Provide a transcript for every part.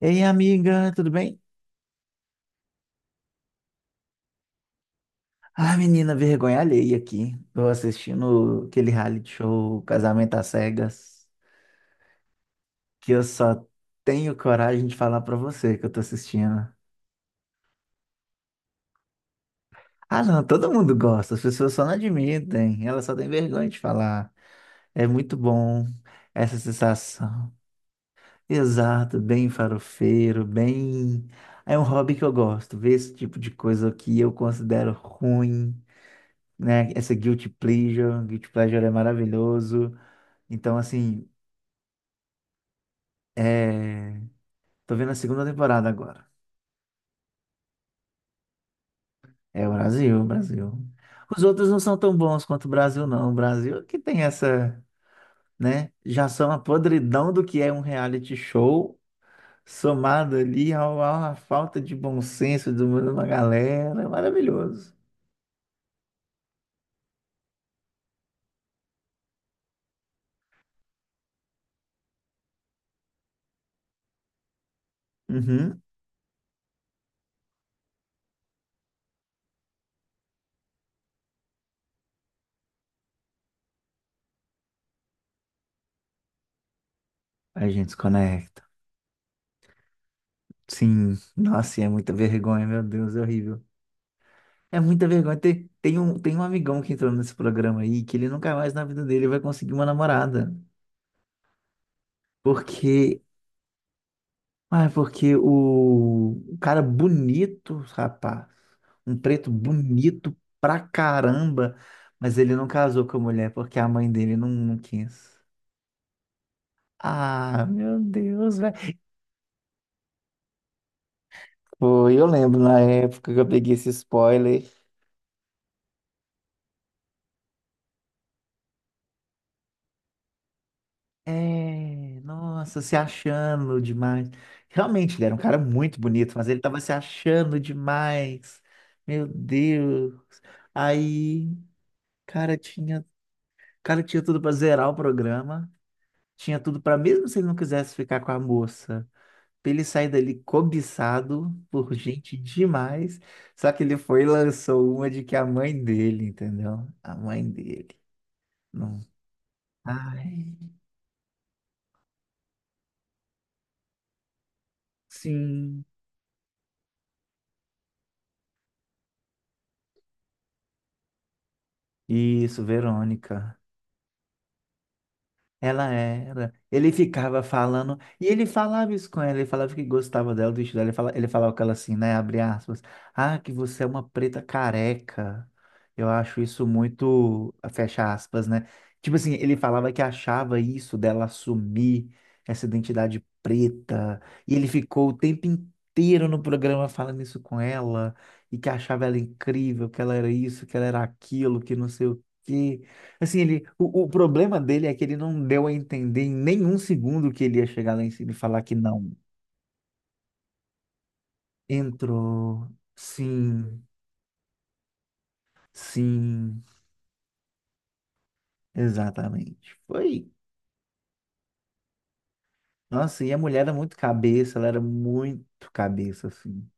Ei, amiga, tudo bem? Ah, menina, vergonha alheia aqui. Tô assistindo aquele reality show Casamento às Cegas, que eu só tenho coragem de falar pra você que eu tô assistindo. Ah, não, todo mundo gosta, as pessoas só não admitem, elas só têm vergonha de falar. É muito bom essa sensação. Exato, bem farofeiro, bem. É um hobby que eu gosto, ver esse tipo de coisa que eu considero ruim, né? Essa guilty pleasure é maravilhoso. Então, assim, é... tô vendo a segunda temporada agora. É o Brasil, o Brasil. Os outros não são tão bons quanto o Brasil, não. O Brasil que tem essa, né? Já são a podridão do que é um reality show, somado ali à falta de bom senso de uma galera. É maravilhoso. Uhum. A gente se conecta. Sim, nossa, e é muita vergonha, meu Deus, é horrível. É muita vergonha. Tem um amigão que entrou nesse programa aí que ele nunca mais na vida dele vai conseguir uma namorada. Porque, porque o cara bonito, rapaz, um preto bonito pra caramba, mas ele não casou com a mulher porque a mãe dele não quis. Ah, meu Deus, velho. Foi, eu lembro na época que eu peguei esse spoiler. É, nossa, se achando demais. Realmente, ele era um cara muito bonito, mas ele tava se achando demais. Meu Deus. Aí, cara, tinha Cara, tinha tudo pra zerar o programa, tinha tudo pra mesmo se ele não quisesse ficar com a moça, pra ele sair dali cobiçado por gente demais. Só que ele foi e lançou uma de que a mãe dele, entendeu? A mãe dele. Não. Ai, sim. Isso, Verônica. Ela era. Ele ficava falando, e ele falava isso com ela, ele falava que gostava dela, do estilo dela, ele falava com ela assim, né, abre aspas, ah, que você é uma preta careca. Eu acho isso muito, fecha aspas, né? Tipo assim, ele falava que achava isso dela assumir essa identidade preta, e ele ficou o tempo inteiro no programa falando isso com ela, e que achava ela incrível, que ela era isso, que ela era aquilo, que não sei o quê. Assim, o problema dele é que ele não deu a entender em nenhum segundo que ele ia chegar lá em cima e falar que não. Entrou. Sim. Sim. Exatamente. Foi. Nossa, e a mulher era muito cabeça, ela era muito cabeça, assim.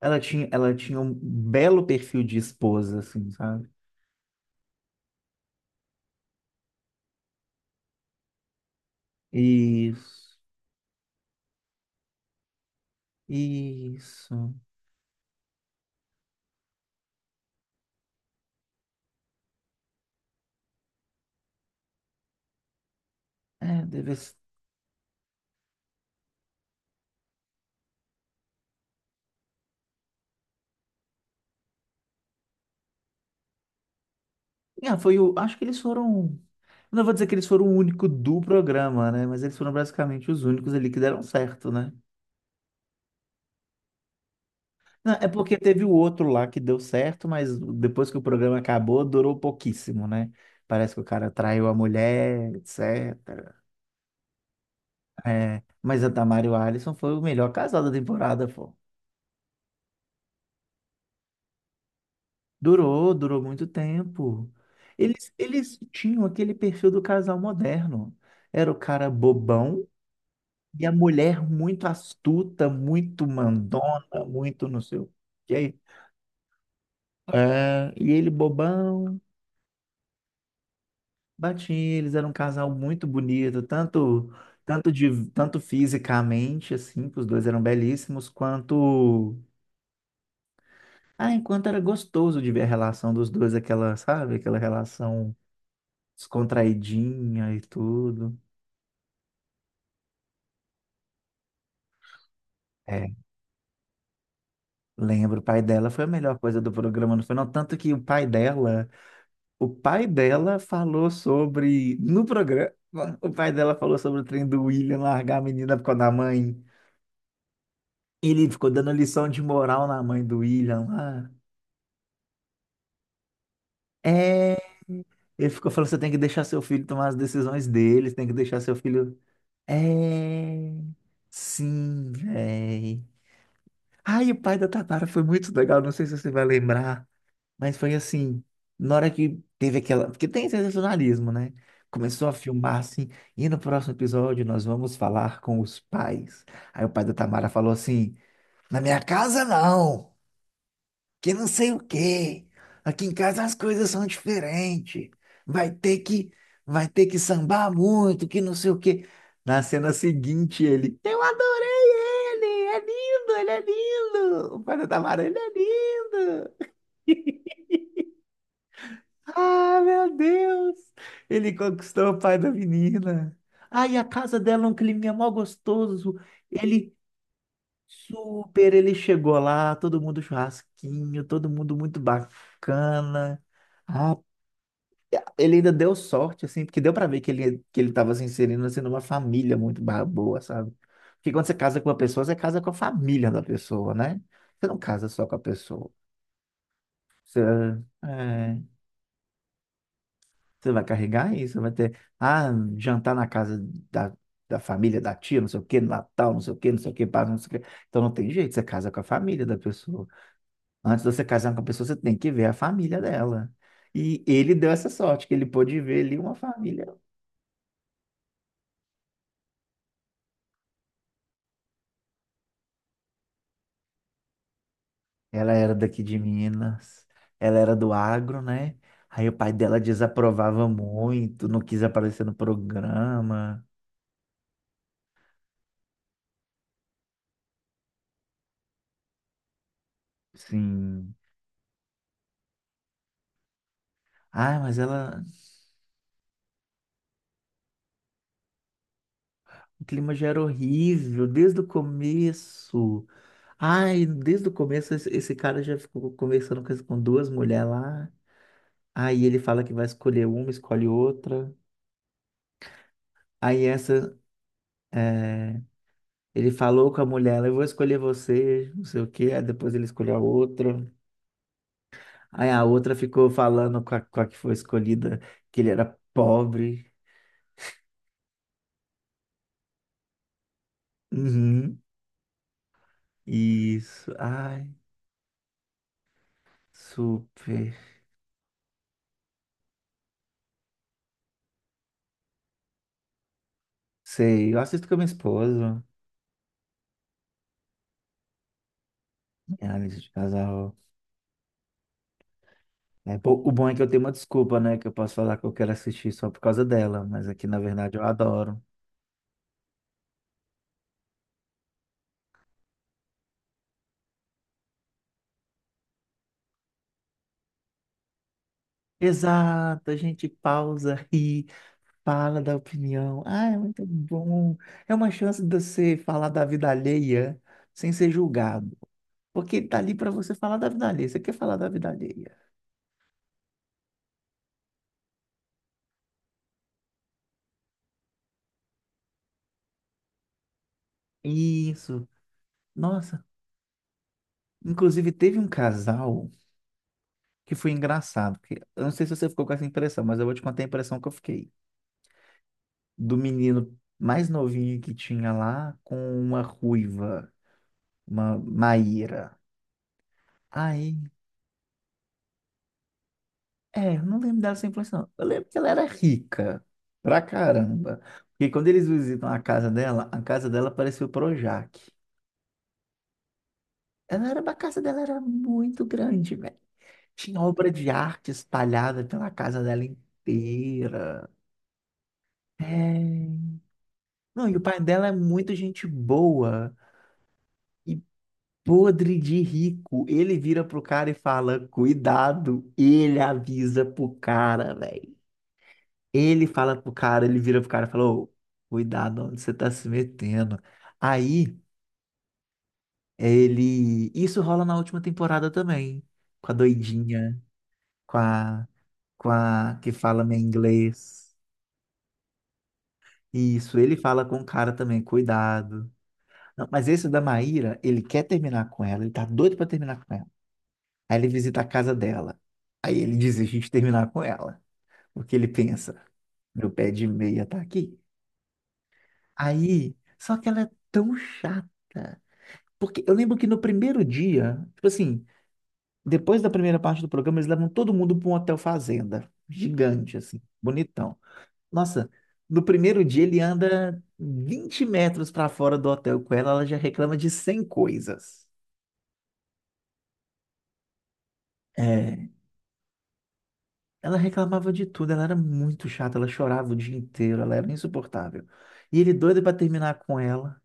Ela tinha um belo perfil de esposa, assim, sabe? Isso. Isso. É, deve ser. Ah, foi o. Acho que eles foram. Não vou dizer que eles foram o único do programa, né? Mas eles foram basicamente os únicos ali que deram certo, né? Não, é porque teve o outro lá que deu certo, mas depois que o programa acabou, durou pouquíssimo, né? Parece que o cara traiu a mulher, etcétera. É, mas a Tamara e o Alisson foi o melhor casal da temporada, pô. Durou muito tempo. Eles tinham aquele perfil do casal moderno. Era o cara bobão, e a mulher muito astuta, muito mandona, muito não sei o quê. É, e ele bobão, batinha, eles eram um casal muito bonito, tanto tanto de tanto fisicamente assim, que os dois eram belíssimos, quanto ah, enquanto era gostoso de ver a relação dos dois, aquela, sabe, aquela relação descontraidinha e tudo. É, lembro, o pai dela foi a melhor coisa do programa, não foi? Não, tanto que o pai dela falou sobre. No programa, o pai dela falou sobre o trem do William largar a menina por causa da mãe. Ele ficou dando lição de moral na mãe do William lá. É. Ele ficou falando: você tem que deixar seu filho tomar as decisões dele, você tem que deixar seu filho. É. Sim, véi. Ai, o pai da Tatara foi muito legal, não sei se você vai lembrar. Mas foi assim, na hora que teve aquela. Porque tem sensacionalismo, né? Começou a filmar assim, e no próximo episódio nós vamos falar com os pais. Aí o pai da Tamara falou assim: Na minha casa não, que não sei o quê. Aqui em casa as coisas são diferentes. Vai ter que, vai ter que sambar muito, que não sei o quê. Na cena seguinte, ele, eu adorei ele, é lindo, ele é lindo. O pai da Tamara, ele é lindo. Ah, meu Deus! Ele conquistou o pai da menina. Ah, e a casa dela, é um clima mal gostoso. Ele, super, ele chegou lá, todo mundo churrasquinho, todo mundo muito bacana. Ah, ele ainda deu sorte, assim, porque deu pra ver que ele, tava se inserindo, assim, numa família muito boa, sabe? Porque quando você casa com uma pessoa, você casa com a família da pessoa, né? Você não casa só com a pessoa. Você, é. Você vai carregar isso, vai ter, ah, jantar na casa da, da família, da tia, não sei o quê, Natal, não sei o quê, não sei o quê, pá, não sei o quê. Então não tem jeito, você casa com a família da pessoa. Antes de você casar com a pessoa, você tem que ver a família dela. E ele deu essa sorte, que ele pôde ver ali uma família. Ela era daqui de Minas, ela era do agro, né? Aí o pai dela desaprovava muito, não quis aparecer no programa. Sim. Ah, mas ela. O clima já era horrível desde o começo. Ai, desde o começo esse cara já ficou conversando com, com duas mulheres lá. Aí ele fala que vai escolher uma, escolhe outra. Aí essa, é, ele falou com a mulher, ela, eu vou escolher você, não sei o quê. Aí depois ele escolheu a outra. Aí a outra ficou falando com a que foi escolhida que ele era pobre. Uhum. Isso. Ai, super. Sei, eu assisto com a minha esposa. Análise de casal. É, pô, o bom é que eu tenho uma desculpa, né? Que eu posso falar que eu quero assistir só por causa dela, mas aqui na verdade eu adoro. Exato, a gente pausa, ri, fala da opinião. Ah, é muito bom. É uma chance de você falar da vida alheia sem ser julgado. Porque tá ali para você falar da vida alheia. Você quer falar da vida alheia? Isso. Nossa, inclusive teve um casal que foi engraçado. Porque, eu não sei se você ficou com essa impressão, mas eu vou te contar a impressão que eu fiquei. Do menino mais novinho que tinha lá com uma ruiva, uma Maíra. Aí, eu não lembro dela 100%, não. Eu lembro que ela era rica pra caramba. Porque quando eles visitam a casa dela parecia o Projac. A casa dela era muito grande, velho. Tinha obra de arte espalhada pela casa dela inteira. É. Não, e o pai dela é muito gente boa. E podre de rico. Ele vira pro cara e fala: Cuidado. Ele avisa pro cara, velho. Ele fala pro cara, ele vira pro cara e fala: "Ô, cuidado, onde você tá se metendo." Aí, ele. Isso rola na última temporada também. Com a doidinha, com a, com a que fala meu inglês. Isso, ele fala com o cara também: Cuidado. Não, mas esse da Maíra, ele quer terminar com ela, ele tá doido pra terminar com ela. Aí ele visita a casa dela. Aí ele desiste de terminar com ela. Porque ele pensa, meu pé de meia tá aqui. Aí, só que ela é tão chata. Porque eu lembro que no primeiro dia, tipo assim, depois da primeira parte do programa, eles levam todo mundo para um hotel fazenda. Gigante, assim, bonitão. Nossa, no primeiro dia ele anda 20 metros para fora do hotel com ela, ela já reclama de 100 coisas. É. Ela reclamava de tudo, ela era muito chata, ela chorava o dia inteiro, ela era insuportável. E ele doido para terminar com ela,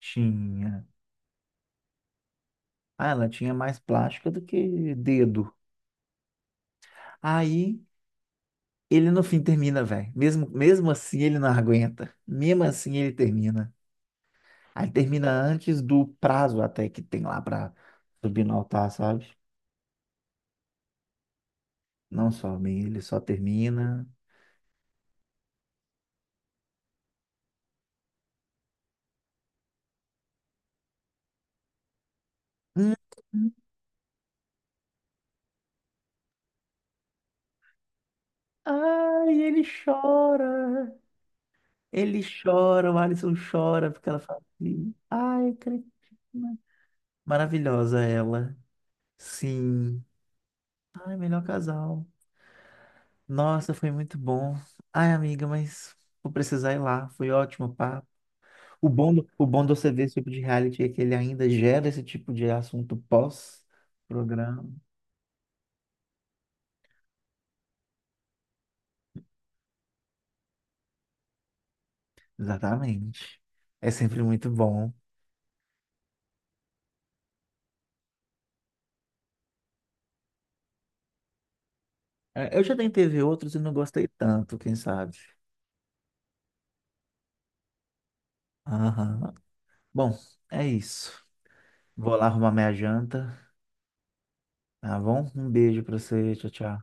tinha. Ah, ela tinha mais plástica do que dedo. Aí ele no fim termina, velho. Mesmo, mesmo assim ele não aguenta. Mesmo assim ele termina. Aí termina antes do prazo até que tem lá pra subir no altar, sabe? Não some, ele só termina. Hum, hum. Ai, ele chora. Ele chora, o Alisson chora, porque ela fala assim, ai, Cristina. Maravilhosa ela. Sim. Ai, melhor casal. Nossa, foi muito bom. Ai, amiga, mas vou precisar ir lá. Foi ótimo o papo. O bom, o bom do você ver esse tipo de reality é que ele ainda gera esse tipo de assunto pós-programa. Exatamente. É sempre muito bom. É, eu já tentei ver outros e não gostei tanto, quem sabe. Aham. Bom, é isso. Vou lá arrumar minha janta. Tá bom? Um beijo pra você. Tchau, tchau.